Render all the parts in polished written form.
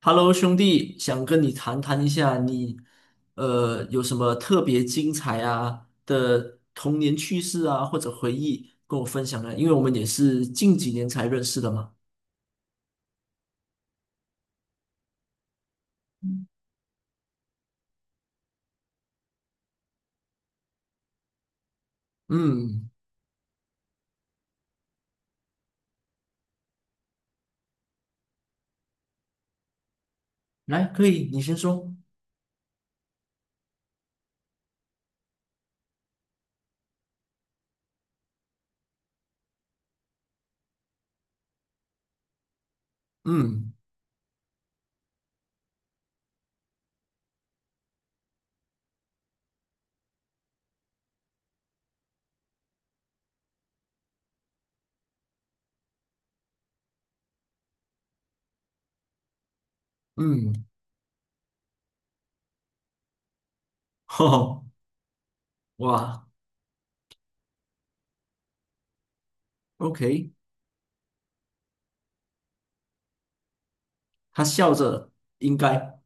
Hello，兄弟，想跟你谈谈一下你，有什么特别精彩啊的童年趣事啊，或者回忆跟我分享呢？因为我们也是近几年才认识的嘛。嗯，来，可以，你先说。嗯嗯，吼，哇，OK，他笑着，应该，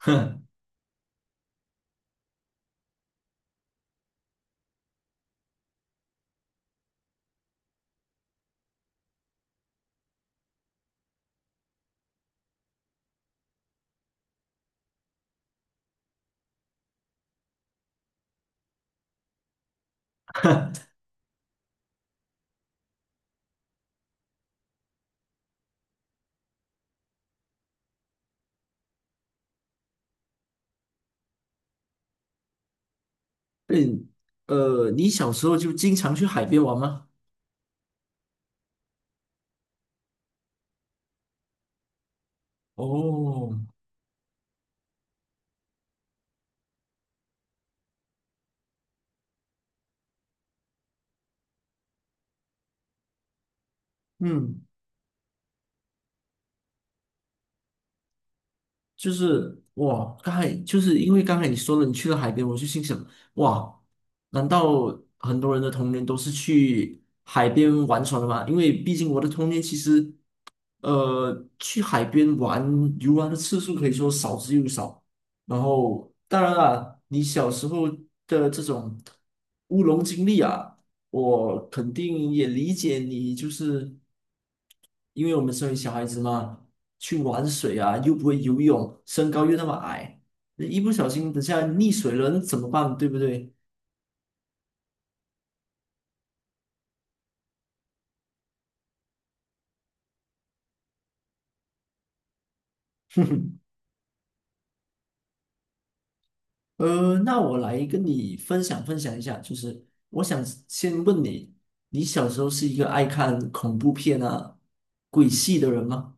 哼哼，对，你小时候就经常去海边玩吗？哦，嗯。就是哇，刚才就是因为刚才你说了你去了海边，我就心想，哇，难道很多人的童年都是去海边玩耍的吗？因为毕竟我的童年其实去海边玩游玩的次数可以说少之又少。然后，当然啦，你小时候的这种乌龙经历啊，我肯定也理解你，就是因为我们身为小孩子嘛，去玩水啊，又不会游泳，身高又那么矮，一不小心等下溺水了，那怎么办？对不对？那我来跟你分享分享一下，就是我想先问你，你小时候是一个爱看恐怖片啊、鬼戏的人吗？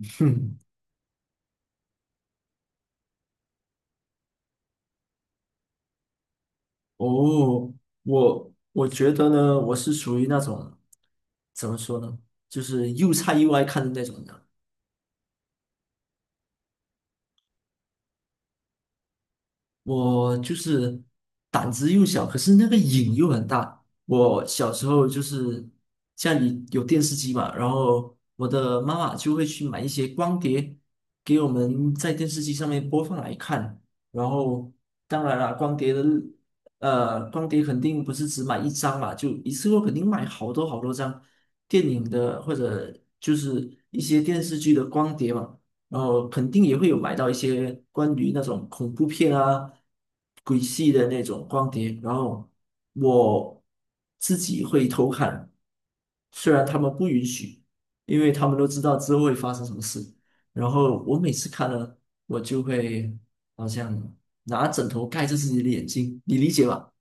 哼，哦，我觉得呢，我是属于那种怎么说呢，就是又菜又爱看的那种人。我就是胆子又小，可是那个瘾又很大。我小时候就是家里有电视机嘛，然后我的妈妈就会去买一些光碟给我们在电视机上面播放来看。然后当然了，光碟肯定不是只买一张嘛，就一次过肯定买好多好多张电影的或者就是一些电视剧的光碟嘛。然后肯定也会有买到一些关于那种恐怖片啊、鬼戏的那种光碟，然后我自己会偷看，虽然他们不允许，因为他们都知道之后会发生什么事。然后我每次看了，我就会好像拿枕头盖着自己的眼睛，你理解吧？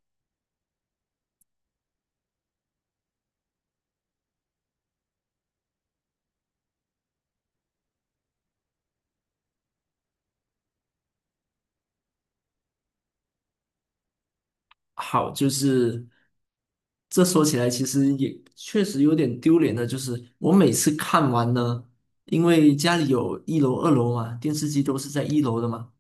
好，就是这说起来，其实也确实有点丢脸的。就是我每次看完呢，因为家里有一楼、二楼嘛，电视机都是在一楼的嘛，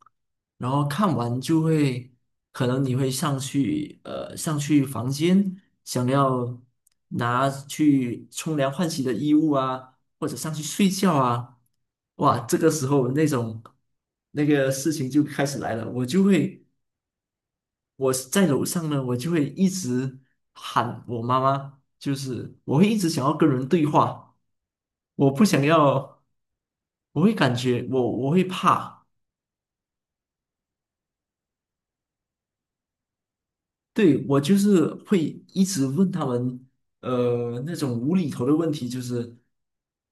然后看完就会，可能你会上去，上去房间，想要拿去冲凉换洗的衣物啊，或者上去睡觉啊，哇，这个时候那种那个事情就开始来了，我就会。我在楼上呢，我就会一直喊我妈妈，就是我会一直想要跟人对话，我不想要，我会感觉我会怕。对，我就是会一直问他们，那种无厘头的问题，就是，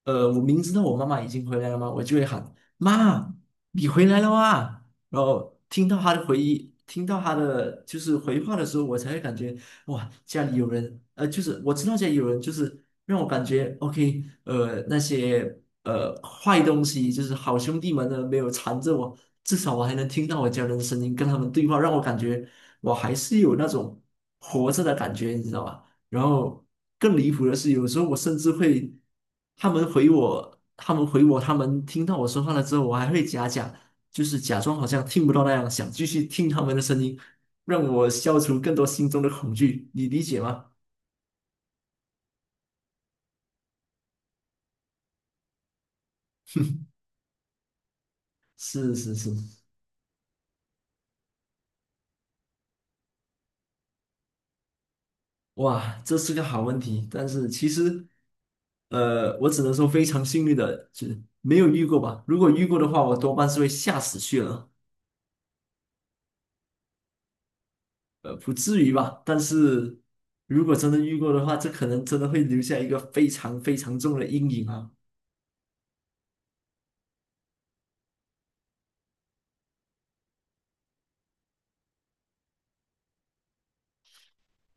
我明知道我妈妈已经回来了吗？我就会喊妈，你回来了啊！然后听到她的回忆，听到她的就是回话的时候，我才会感觉哇，家里有人，就是我知道家里有人，就是让我感觉 OK，那些坏东西，就是好兄弟们呢没有缠着我，至少我还能听到我家人的声音，跟他们对话，让我感觉。我还是有那种活着的感觉，你知道吧？然后更离谱的是，有时候我甚至会，他们回我,他们听到我说话了之后，我还会假假，就是假装好像听不到那样，想继续听他们的声音，让我消除更多心中的恐惧，你理解吗？是是是，哇，这是个好问题，但是其实，我只能说非常幸运的，就是没有遇过吧。如果遇过的话，我多半是会吓死去了。不至于吧？但是如果真的遇过的话，这可能真的会留下一个非常非常重的阴影啊！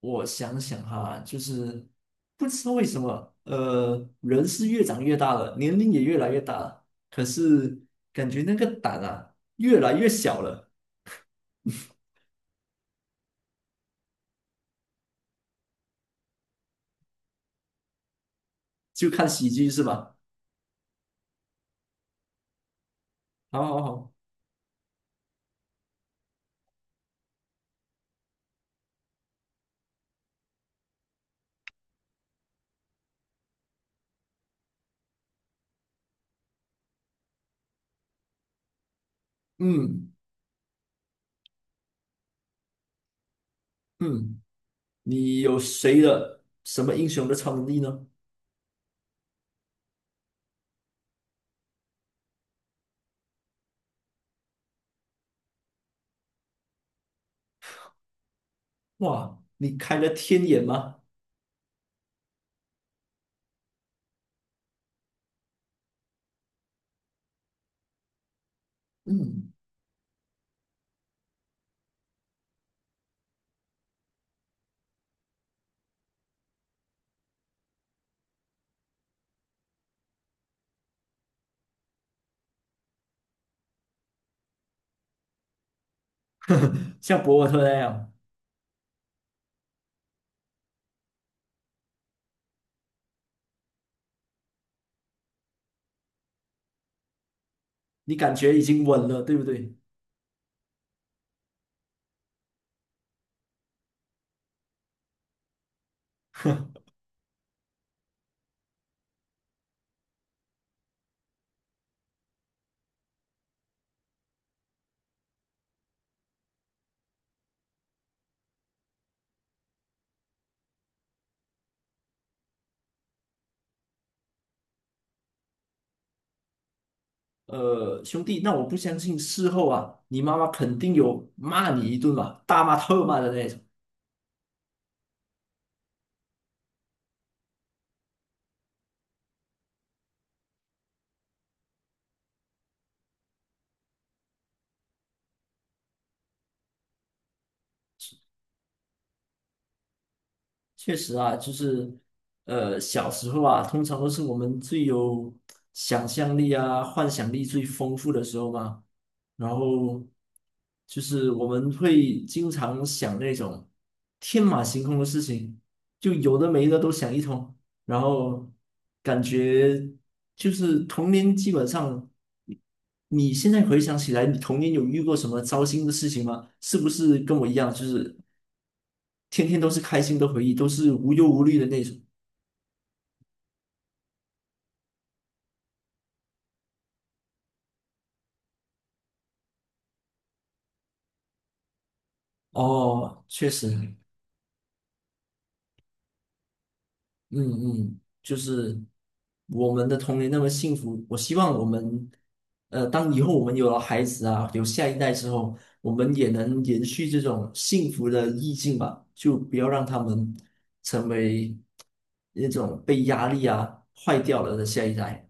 我想想哈，就是不知道为什么，人是越长越大了，年龄也越来越大了，可是感觉那个胆啊越来越小了。就看喜剧是吧？好好好，嗯嗯，你有谁的什么英雄的超能力呢？哇，你开了天眼吗？嗯，像博尔特那样。你感觉已经稳了，对不对？兄弟，那我不相信事后啊，你妈妈肯定有骂你一顿吧，大骂特骂的那种。确实啊，就是小时候啊，通常都是我们最有想象力啊、幻想力最丰富的时候嘛。然后就是我们会经常想那种天马行空的事情，就有的没的都想一通。然后感觉就是童年，基本上你现在回想起来，你童年有遇过什么糟心的事情吗？是不是跟我一样，就是天天都是开心的回忆，都是无忧无虑的那种？哦，确实，嗯嗯，就是我们的童年那么幸福，我希望我们，当以后我们有了孩子啊，有下一代之后，我们也能延续这种幸福的意境吧，就不要让他们成为那种被压力啊坏掉了的下一代。